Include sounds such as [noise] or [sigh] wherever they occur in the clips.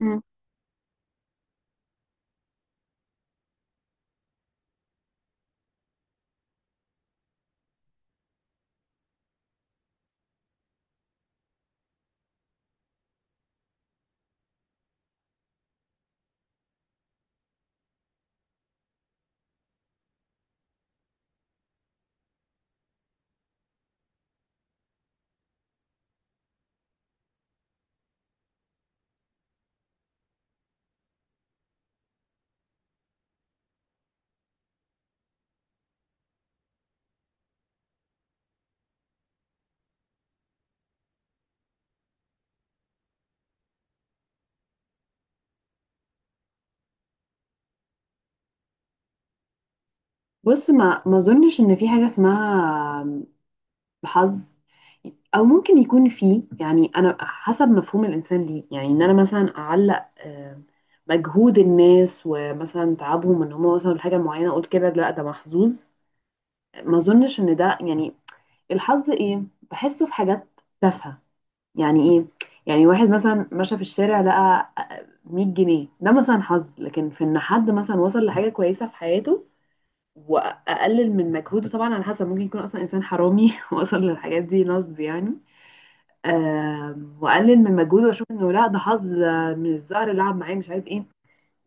مم. بص ما اظنش ان في حاجه اسمها حظ، او ممكن يكون في، يعني انا حسب مفهوم الانسان ليه، يعني ان انا مثلا اعلق مجهود الناس ومثلا تعبهم ان هم وصلوا لحاجه معينه اقول كده لا ده محظوظ. ما اظنش ان ده يعني. الحظ ايه؟ بحسه في حاجات تافهه. يعني ايه؟ يعني واحد مثلا مشى في الشارع لقى 100 جنيه، ده مثلا حظ، لكن في ان حد مثلا وصل لحاجه كويسه في حياته واقلل من مجهوده، طبعا على حسب، ممكن يكون اصلا انسان حرامي [laughs] وصل للحاجات دي نصب يعني. واقلل من مجهوده واشوف انه لا ده حظ، من الزهر لعب معايا، مش عارف ايه.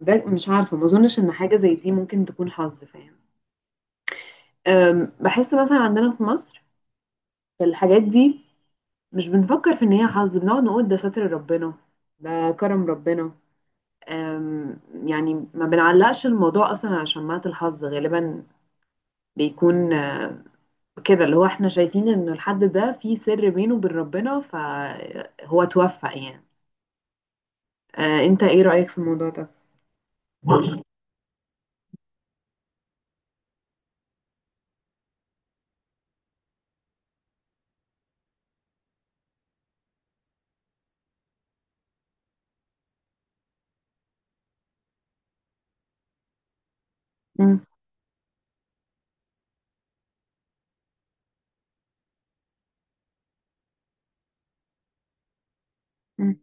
ده مش عارفه، ما اظنش ان حاجه زي دي ممكن تكون حظ، فاهم؟ بحس مثلا عندنا في مصر في الحاجات دي مش بنفكر في ان هي حظ، بنقعد نقول ده ستر ربنا، ده كرم ربنا. آم، يعني ما بنعلقش الموضوع اصلا على شماعة الحظ، غالبا بيكون كده، اللي هو احنا شايفين ان الحد ده في سر بينه وبين ربنا فهو توفق يعني. انت ايه رأيك في الموضوع ده؟ [laughs] مم. مم.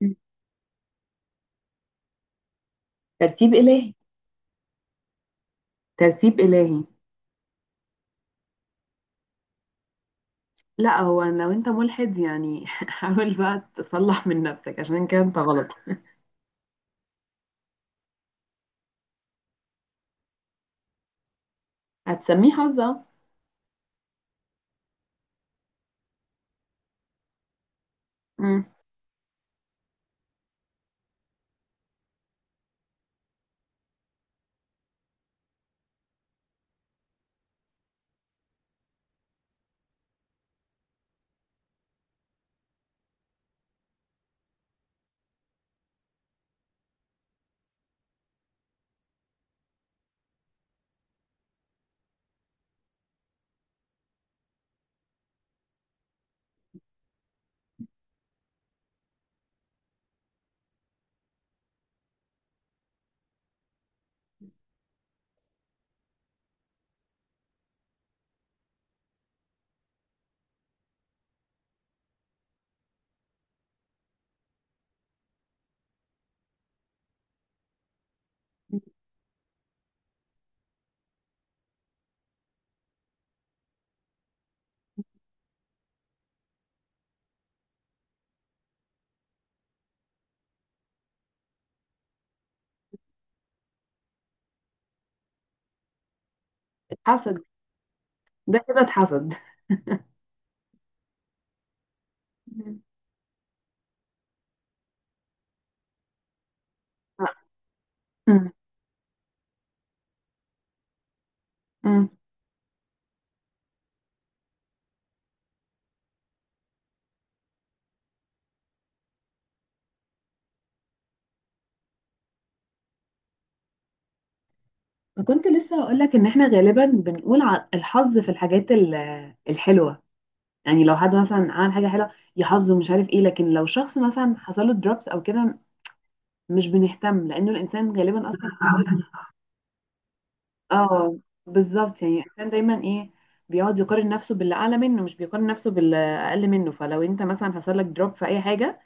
مم. ترتيب إلهي. ترتيب إلهي. لا، هو لو انت ملحد يعني [laughs] حاول بقى تصلح من نفسك، عشان كده انت غلط. هتسميه حظة. مم. حسد. ده كده اتحسد. مم. مم. مم. كنت لسه هقول لك ان احنا غالبا بنقول الحظ في الحاجات الحلوة. يعني لو حد مثلا عمل حاجة حلوة، يا حظه مش عارف ايه، لكن لو شخص مثلا حصل له دروبس او كده مش بنهتم، لانه الانسان غالبا اصلا [laughs] اه. بالظبط، يعني الانسان دايما ايه، بيقعد يقارن نفسه باللي اعلى منه مش بيقارن نفسه باللي اقل منه. فلو انت مثلا حصل لك دروب في اي حاجه،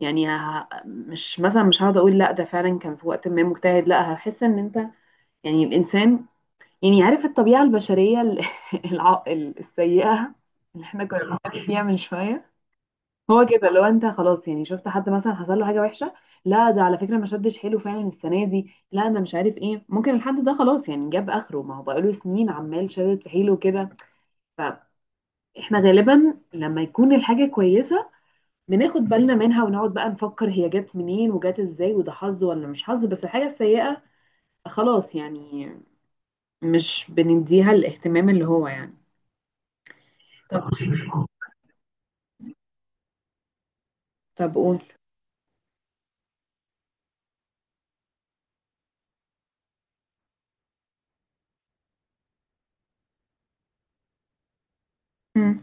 يعني مش مثلا مش هقعد اقول لا ده فعلا كان في وقت ما مجتهد، لا هحس ان انت، يعني الانسان، يعني عارف الطبيعه البشريه [laughs] السيئه اللي احنا كنا بنتكلم فيها من شويه. هو كده، لو انت خلاص يعني شفت حد مثلا حصل له حاجه وحشه، لا ده على فكره ما شدش حيله فعلا السنه دي، لا ده مش عارف ايه، ممكن الحد ده خلاص يعني جاب اخره، ما هو بقاله سنين عمال شدد في حيله كده. فاحنا غالبا لما يكون الحاجه كويسه بناخد بالنا منها ونقعد بقى نفكر هي جت منين وجت ازاي، وده حظ ولا مش حظ، بس الحاجه السيئه خلاص يعني مش بنديها الاهتمام اللي هو يعني. طب طب قول. مم.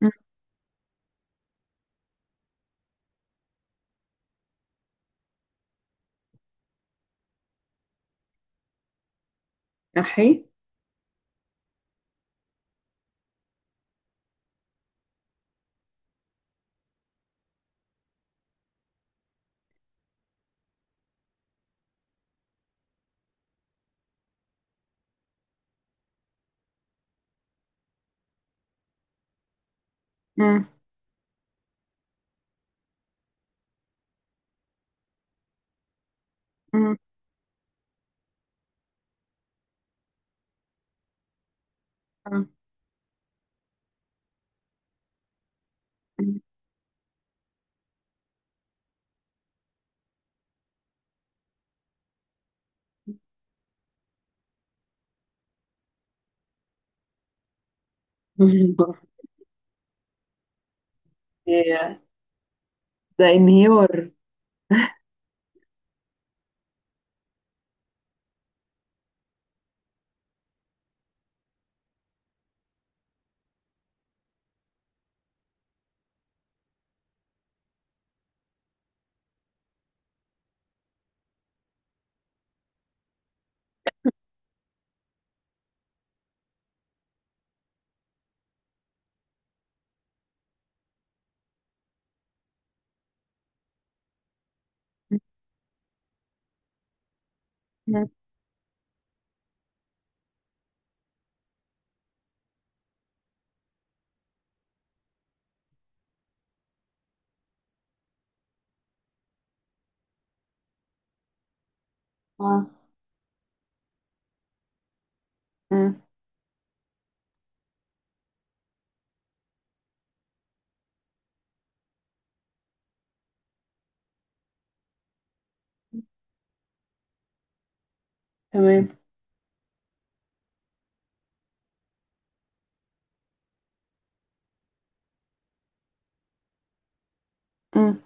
مم. احي. مم. مم. مم. [laughs] ياه، ده انهيار. مم. اه. مم. تمام. مم.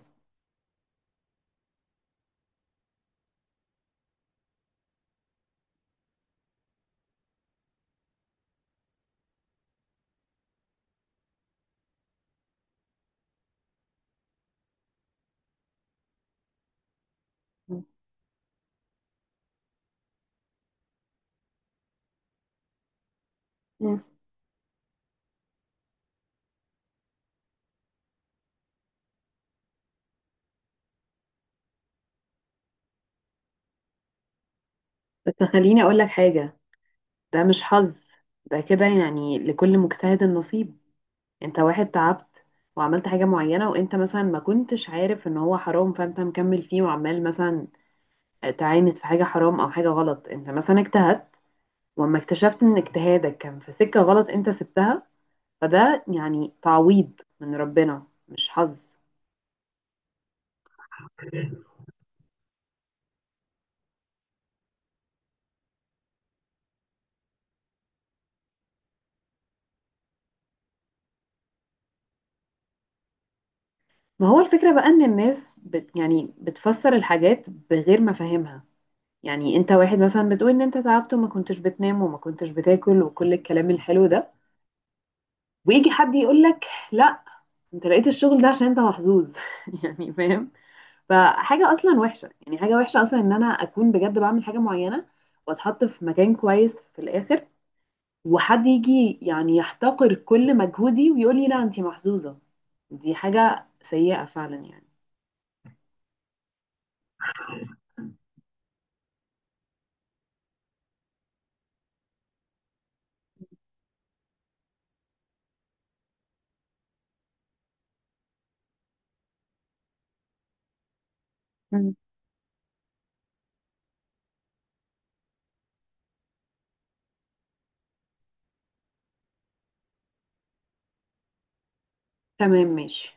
مم. بس خليني اقول لك حاجة، ده مش حظ، ده كده يعني لكل مجتهد النصيب. انت واحد تعبت وعملت حاجة معينة وانت مثلا ما كنتش عارف ان هو حرام فانت مكمل فيه وعمال مثلا تعاند في حاجة حرام او حاجة غلط، انت مثلا اجتهدت، واما اكتشفت ان اجتهادك كان في سكة غلط انت سبتها، فده يعني تعويض من ربنا مش حظ. ما هو الفكرة بقى ان الناس يعني بتفسر الحاجات بغير ما فاهمها، يعني انت واحد مثلا بتقول ان انت تعبت وما كنتش بتنام وما كنتش بتاكل وكل الكلام الحلو ده، ويجي حد يقول لك لا، انت لقيت الشغل ده عشان انت محظوظ [laughs] يعني، فاهم؟ فحاجة اصلا وحشة، يعني حاجة وحشة اصلا ان انا اكون بجد بعمل حاجة معينة واتحط في مكان كويس في الاخر، وحد يجي يعني يحتقر كل مجهودي ويقول لي لا، انت محظوظة. دي حاجة سيئة فعلا يعني. مم. تمام ماشي.